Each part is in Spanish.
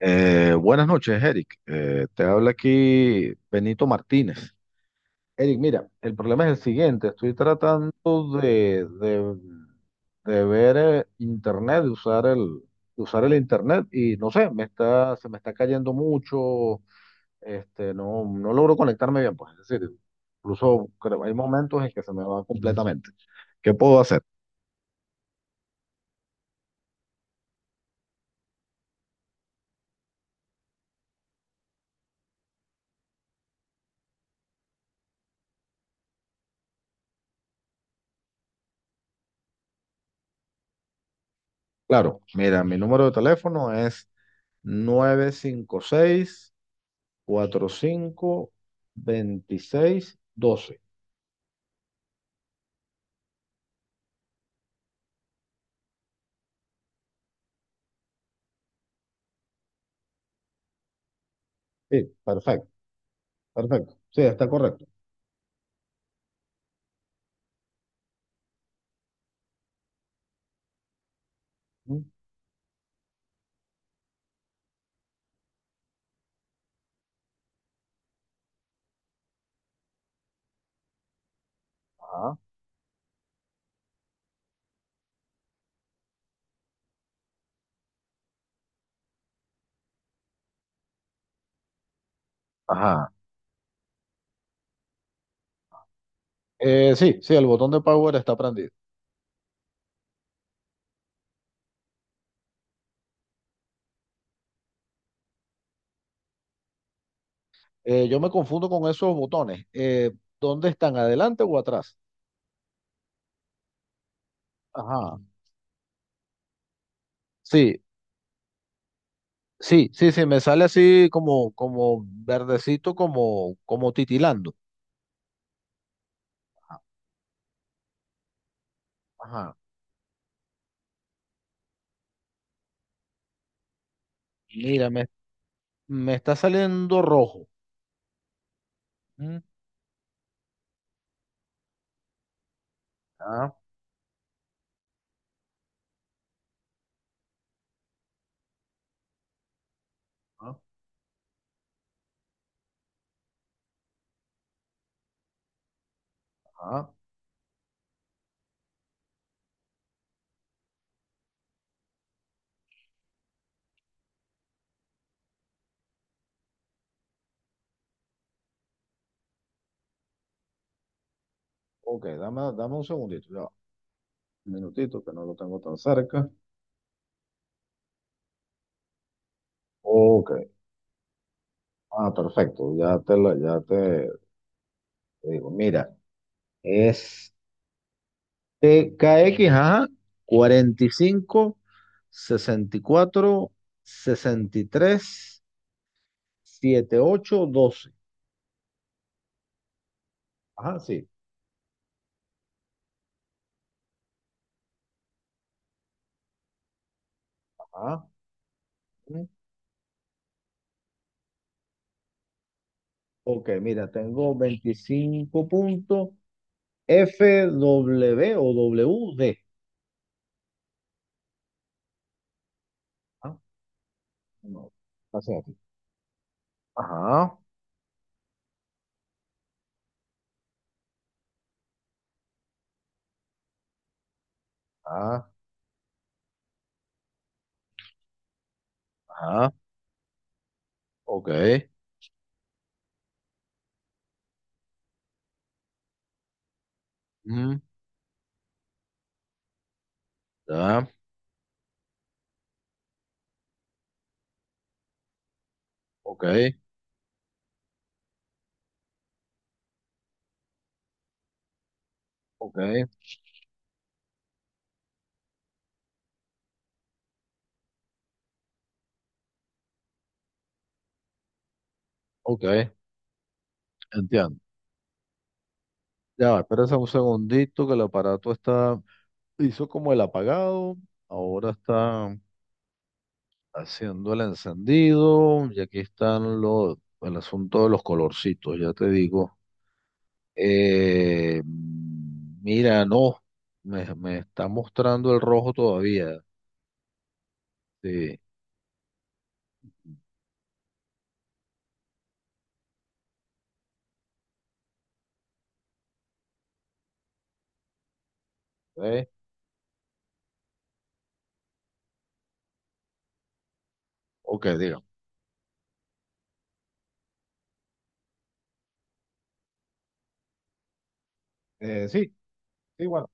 Buenas noches, Eric. Te habla aquí Benito Martínez. Eric, mira, el problema es el siguiente. Estoy tratando de, de, de ver internet, de usar el internet y no sé, se me está cayendo mucho. Este, no, no logro conectarme bien, pues. Es decir, incluso hay momentos en que se me va completamente. ¿Qué puedo hacer? Claro, mira, mi número de teléfono es 956 45 26 12 Sí, perfecto, perfecto. Sí, está correcto. Mm. Ajá. Ajá. Sí, sí, el botón de power está prendido. Yo me confundo con esos botones. ¿Dónde están? ¿Adelante o atrás? Ajá. Sí, sí, sí, sí, me sale así como, como verdecito, como titilando. Ajá. Mira, me está saliendo rojo. Mm. Ah, ah, ah. Ok, dame un segundito. Ya va. Un minutito, que no lo tengo tan cerca. Ok, ah, perfecto, ya te, la- ya te digo, mira, es TKX, ajá, 45, 64, 63, 8 12. Ajá, sí, ajá. Mm. Ok, mira, tengo 25 puntos FWoWD. Ah, no, así aquí. Ajá, ah, ajá, ok. Mm, ya. Ok, ok, ok, entiendo. Ya va, espérense un segundito que el aparato hizo como el apagado, ahora está haciendo el encendido y aquí están el asunto de los colorcitos, ya te digo. Mira, no, me está mostrando el rojo todavía. Sí, ok, ok, diga. Sí, sí, bueno,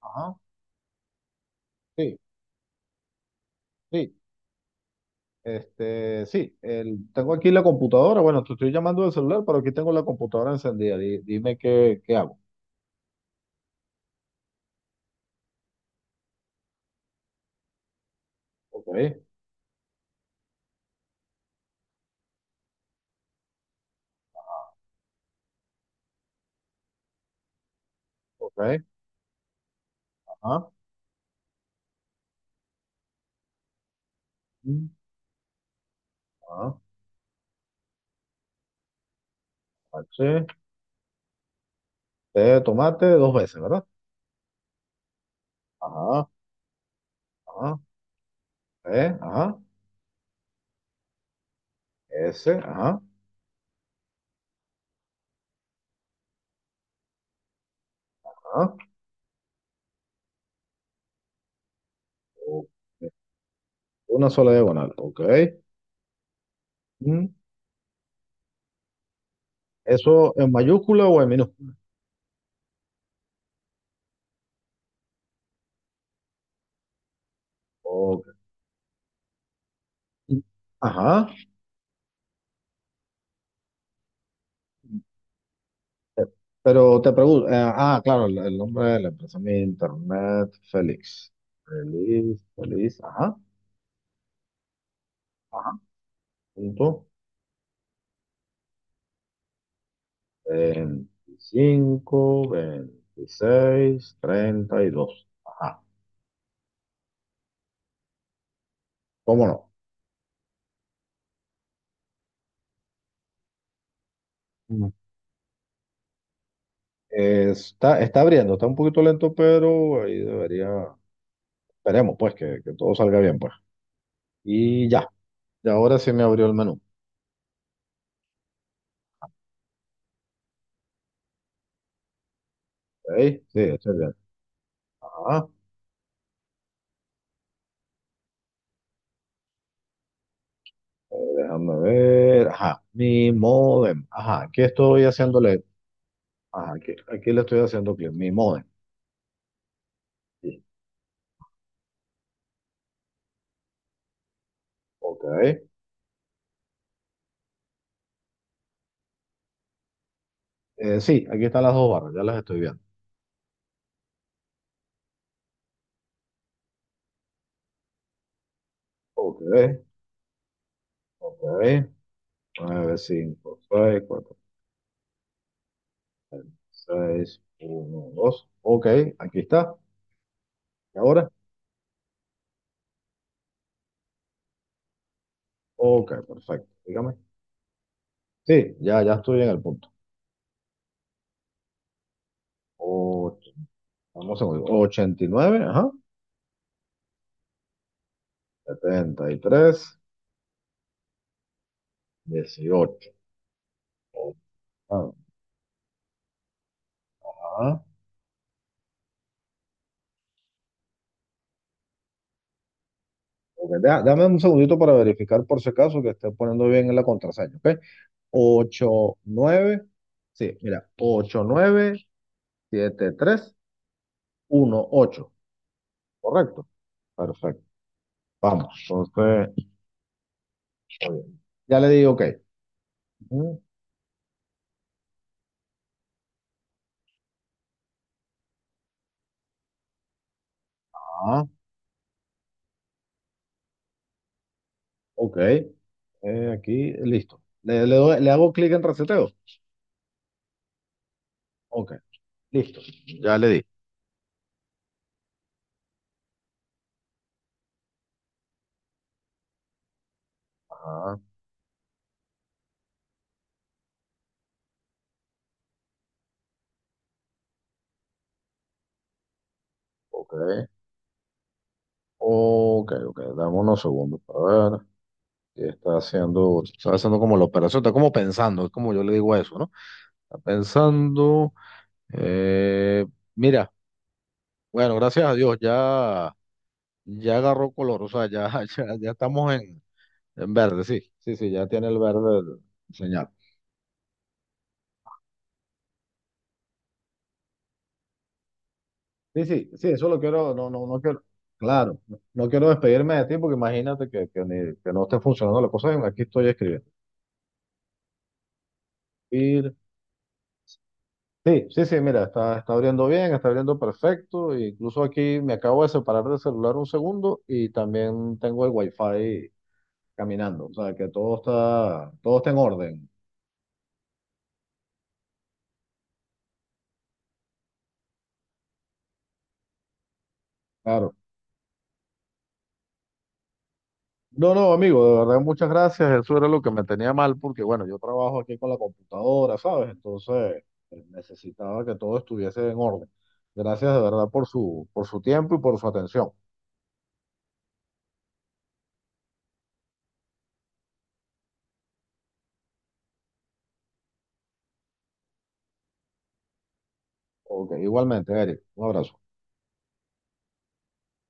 ajá, sí, sí. Este, sí, tengo aquí la computadora. Bueno, te estoy llamando del celular, pero aquí tengo la computadora encendida. Dime qué, hago. Ok, ok, ajá, mm, ajá, H, T de tomate dos veces, ¿verdad? Ajá, ajá, E, ajá, S, ajá, ajá. o- Una sola diagonal, ok. Mm. ¿Eso en mayúscula o en minúscula? Ok, mm, ajá. Eh, Pero te pregunto, ah, claro, el nombre de la empresa, mi internet, Félix. Feliz, feliz, ajá, ajá, punto. 25, 26, 32. Ajá, cómo no. Mm. Está abriendo, está un poquito lento, pero ahí debería, esperemos pues que todo salga bien pues. Y ya, y ahora sí me abrió el menú. Ok. Sí, estoy bien. Déjame ver. Ajá. Mi modem. Ajá. Aquí estoy haciéndole. Ajá. Aquí le estoy haciendo clic. Mi modem. Sí. Ok. Sí, aquí están las dos barras. Ya las estoy viendo. Ok. Ok. 9 5 6 4 6 1 2. Ok. Aquí está. ¿Y ahora? Ok. Perfecto. Dígame. Sí. Ya estoy en el punto. Ocho- vamos a ver, 89. Ajá. 73. 18. Ajá. Ok, dame un segundito para verificar por si acaso que esté poniendo bien la contraseña, ¿ok? 89. Sí, mira, 8 9 7 3 1 8. Correcto. Perfecto, vamos, entonces, está bien. Ya le di ok. Ujú, ah, ok, aquí, listo. Le hago clic en reseteo. Ok, listo, ya le di. Ah, ok, ok, ok, dame unos segundos, a ver. Que está haciendo, como la operación, está como pensando, es como yo le digo a eso, ¿no? Está pensando, eh, mira, bueno, gracias a Dios, ya, ya agarró color, o sea, ya, ya, ya estamos en, verde, sí, sí, sí, ya tiene el verde el señal. Sí, sí, sí, eso lo quiero, no, no, no quiero, claro, no no quiero despedirme de ti porque imagínate que no esté funcionando la cosa, aquí estoy escribiendo. Sí, sí, sí, mira, está abriendo bien, está abriendo perfecto. E incluso aquí me acabo de separar del celular un segundo y también tengo el wifi caminando. O sea, que todo está en orden. Claro. No, no, amigo, de verdad, muchas gracias. Eso era lo que me tenía mal porque, bueno, yo trabajo aquí con la computadora, ¿sabes? Entonces, necesitaba que todo estuviese en orden. Gracias de verdad por su tiempo y por su atención. Ok, igualmente, Eric. Un abrazo.